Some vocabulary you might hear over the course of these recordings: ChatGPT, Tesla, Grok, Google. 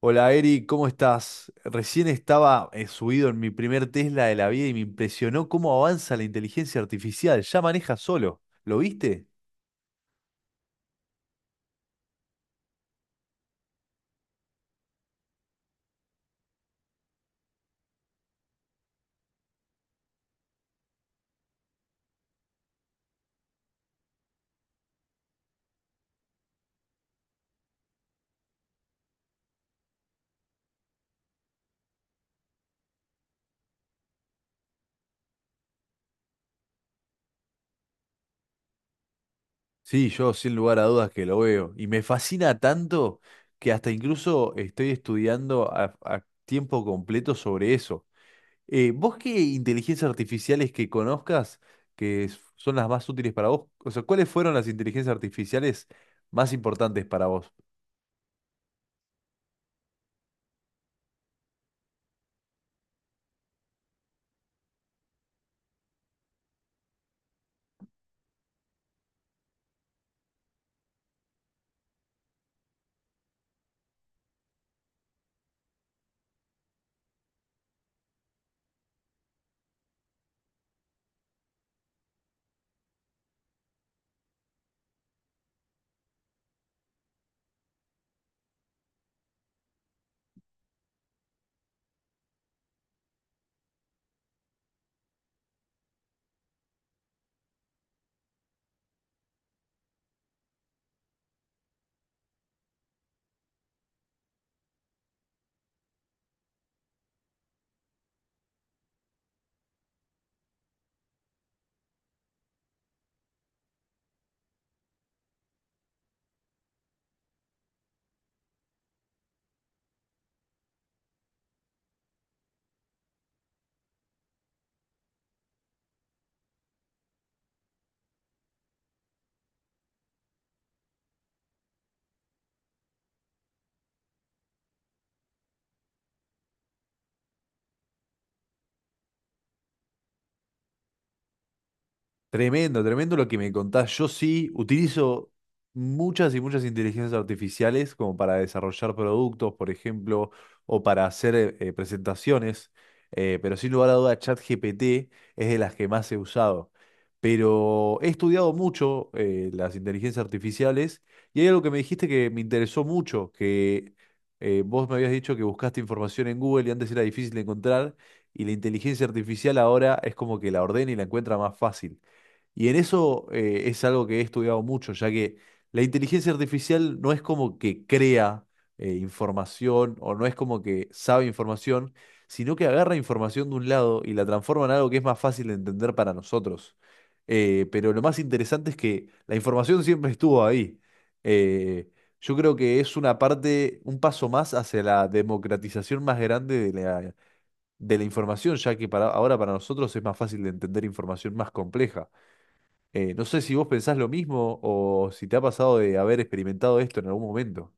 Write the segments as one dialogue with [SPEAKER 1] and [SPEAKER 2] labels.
[SPEAKER 1] Hola Eri, ¿cómo estás? Recién estaba subido en mi primer Tesla de la vida y me impresionó cómo avanza la inteligencia artificial. Ya maneja solo. ¿Lo viste? Sí, yo sin lugar a dudas que lo veo. Y me fascina tanto que hasta incluso estoy estudiando a tiempo completo sobre eso. ¿Vos qué inteligencias artificiales que conozcas que son las más útiles para vos? O sea, ¿cuáles fueron las inteligencias artificiales más importantes para vos? Tremendo, tremendo lo que me contás. Yo sí utilizo muchas y muchas inteligencias artificiales como para desarrollar productos, por ejemplo, o para hacer presentaciones, pero sin lugar a duda ChatGPT es de las que más he usado. Pero he estudiado mucho las inteligencias artificiales y hay algo que me dijiste que me interesó mucho, que vos me habías dicho que buscaste información en Google y antes era difícil de encontrar, y la inteligencia artificial ahora es como que la ordena y la encuentra más fácil. Y en eso, es algo que he estudiado mucho, ya que la inteligencia artificial no es como que crea información o no es como que sabe información, sino que agarra información de un lado y la transforma en algo que es más fácil de entender para nosotros. Pero lo más interesante es que la información siempre estuvo ahí. Eh, yo creo que es una parte, un paso más hacia la democratización más grande de de la información, ya que para, ahora para nosotros es más fácil de entender información más compleja. No sé si vos pensás lo mismo o si te ha pasado de haber experimentado esto en algún momento.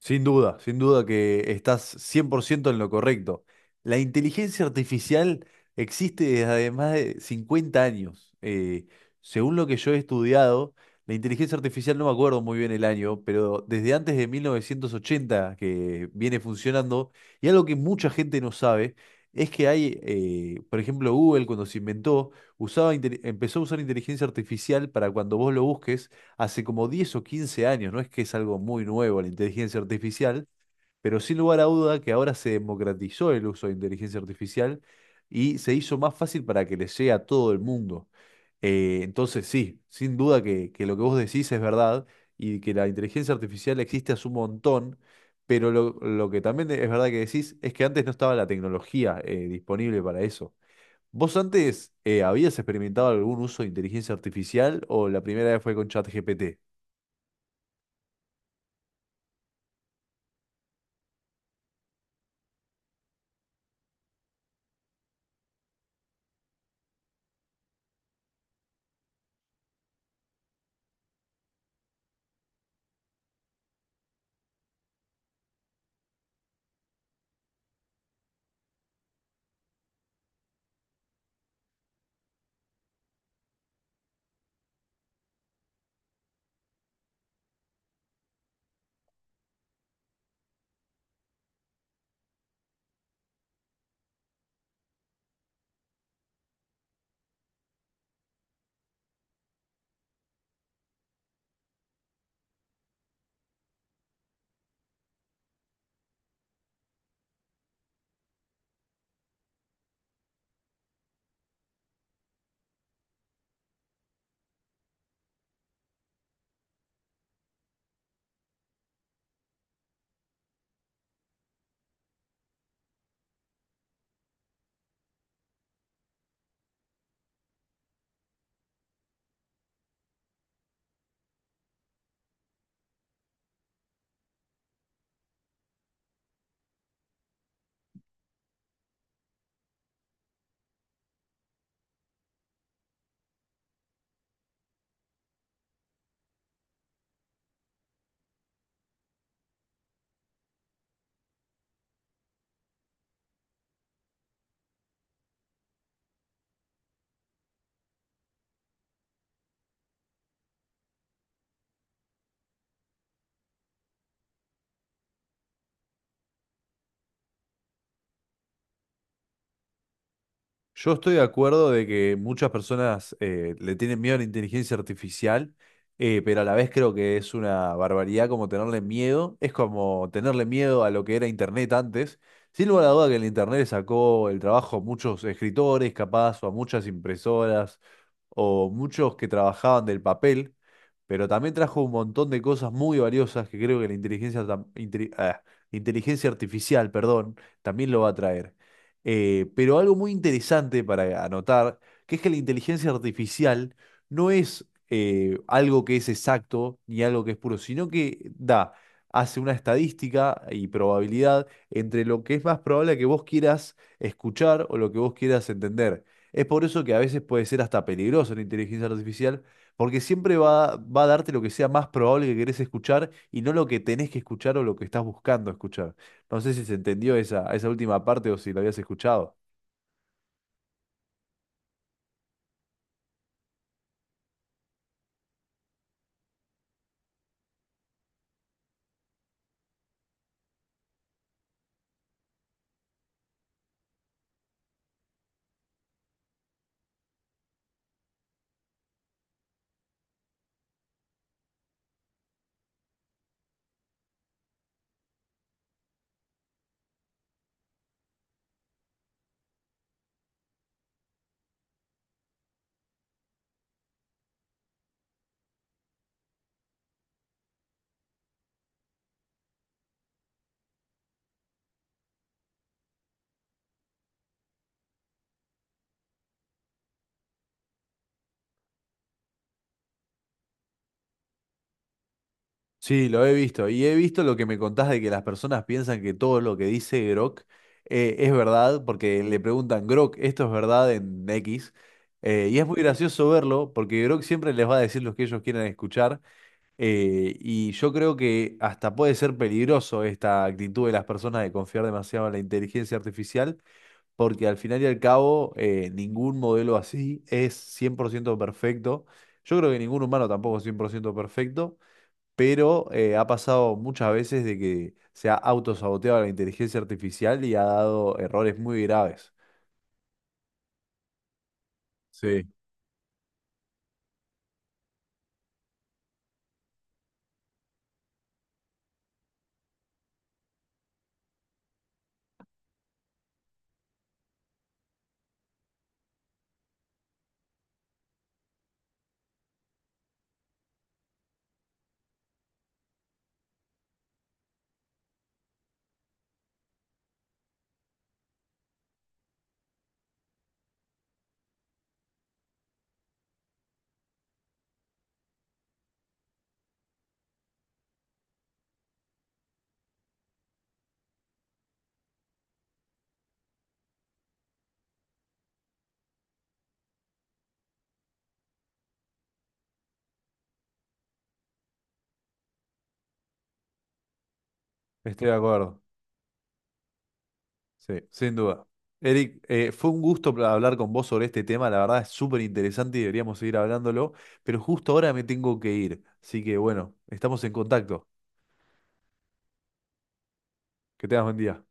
[SPEAKER 1] Sin duda, sin duda que estás 100% en lo correcto. La inteligencia artificial existe desde hace más de 50 años. Según lo que yo he estudiado, la inteligencia artificial, no me acuerdo muy bien el año, pero desde antes de 1980 que viene funcionando, y algo que mucha gente no sabe, es que hay, por ejemplo, Google cuando se inventó, usaba, empezó a usar inteligencia artificial para cuando vos lo busques hace como 10 o 15 años. No es que es algo muy nuevo la inteligencia artificial, pero sin lugar a duda que ahora se democratizó el uso de inteligencia artificial y se hizo más fácil para que le llegue a todo el mundo. Entonces, sí, sin duda que lo que vos decís es verdad y que la inteligencia artificial existe hace un montón, pero lo que también es verdad que decís es que antes no estaba la tecnología disponible para eso. ¿Vos antes habías experimentado algún uso de inteligencia artificial o la primera vez fue con ChatGPT? Yo estoy de acuerdo de que muchas personas le tienen miedo a la inteligencia artificial, pero a la vez creo que es una barbaridad como tenerle miedo. Es como tenerle miedo a lo que era Internet antes. Sin lugar a duda que el Internet le sacó el trabajo a muchos escritores, capaz, o a muchas impresoras, o muchos que trabajaban del papel, pero también trajo un montón de cosas muy valiosas que creo que la inteligencia artificial, perdón, también lo va a traer. Pero algo muy interesante para anotar, que es que la inteligencia artificial no es algo que es exacto ni algo que es puro, sino que da, hace una estadística y probabilidad entre lo que es más probable que vos quieras escuchar o lo que vos quieras entender. Es por eso que a veces puede ser hasta peligroso la inteligencia artificial, porque siempre va a darte lo que sea más probable que querés escuchar y no lo que tenés que escuchar o lo que estás buscando escuchar. No sé si se entendió esa última parte o si lo habías escuchado. Sí, lo he visto. Y he visto lo que me contás de que las personas piensan que todo lo que dice Grok es verdad, porque le preguntan, Grok, ¿esto es verdad en X? Y es muy gracioso verlo, porque Grok siempre les va a decir lo que ellos quieren escuchar. Y yo creo que hasta puede ser peligroso esta actitud de las personas de confiar demasiado en la inteligencia artificial, porque al final y al cabo ningún modelo así es 100% perfecto. Yo creo que ningún humano tampoco es 100% perfecto, pero ha pasado muchas veces de que se ha autosaboteado la inteligencia artificial y ha dado errores muy graves. Sí. Estoy de acuerdo, sí, sin duda. Eric, fue un gusto hablar con vos sobre este tema, la verdad es súper interesante y deberíamos seguir hablándolo, pero justo ahora me tengo que ir, así que bueno, estamos en contacto. Que tengas buen día.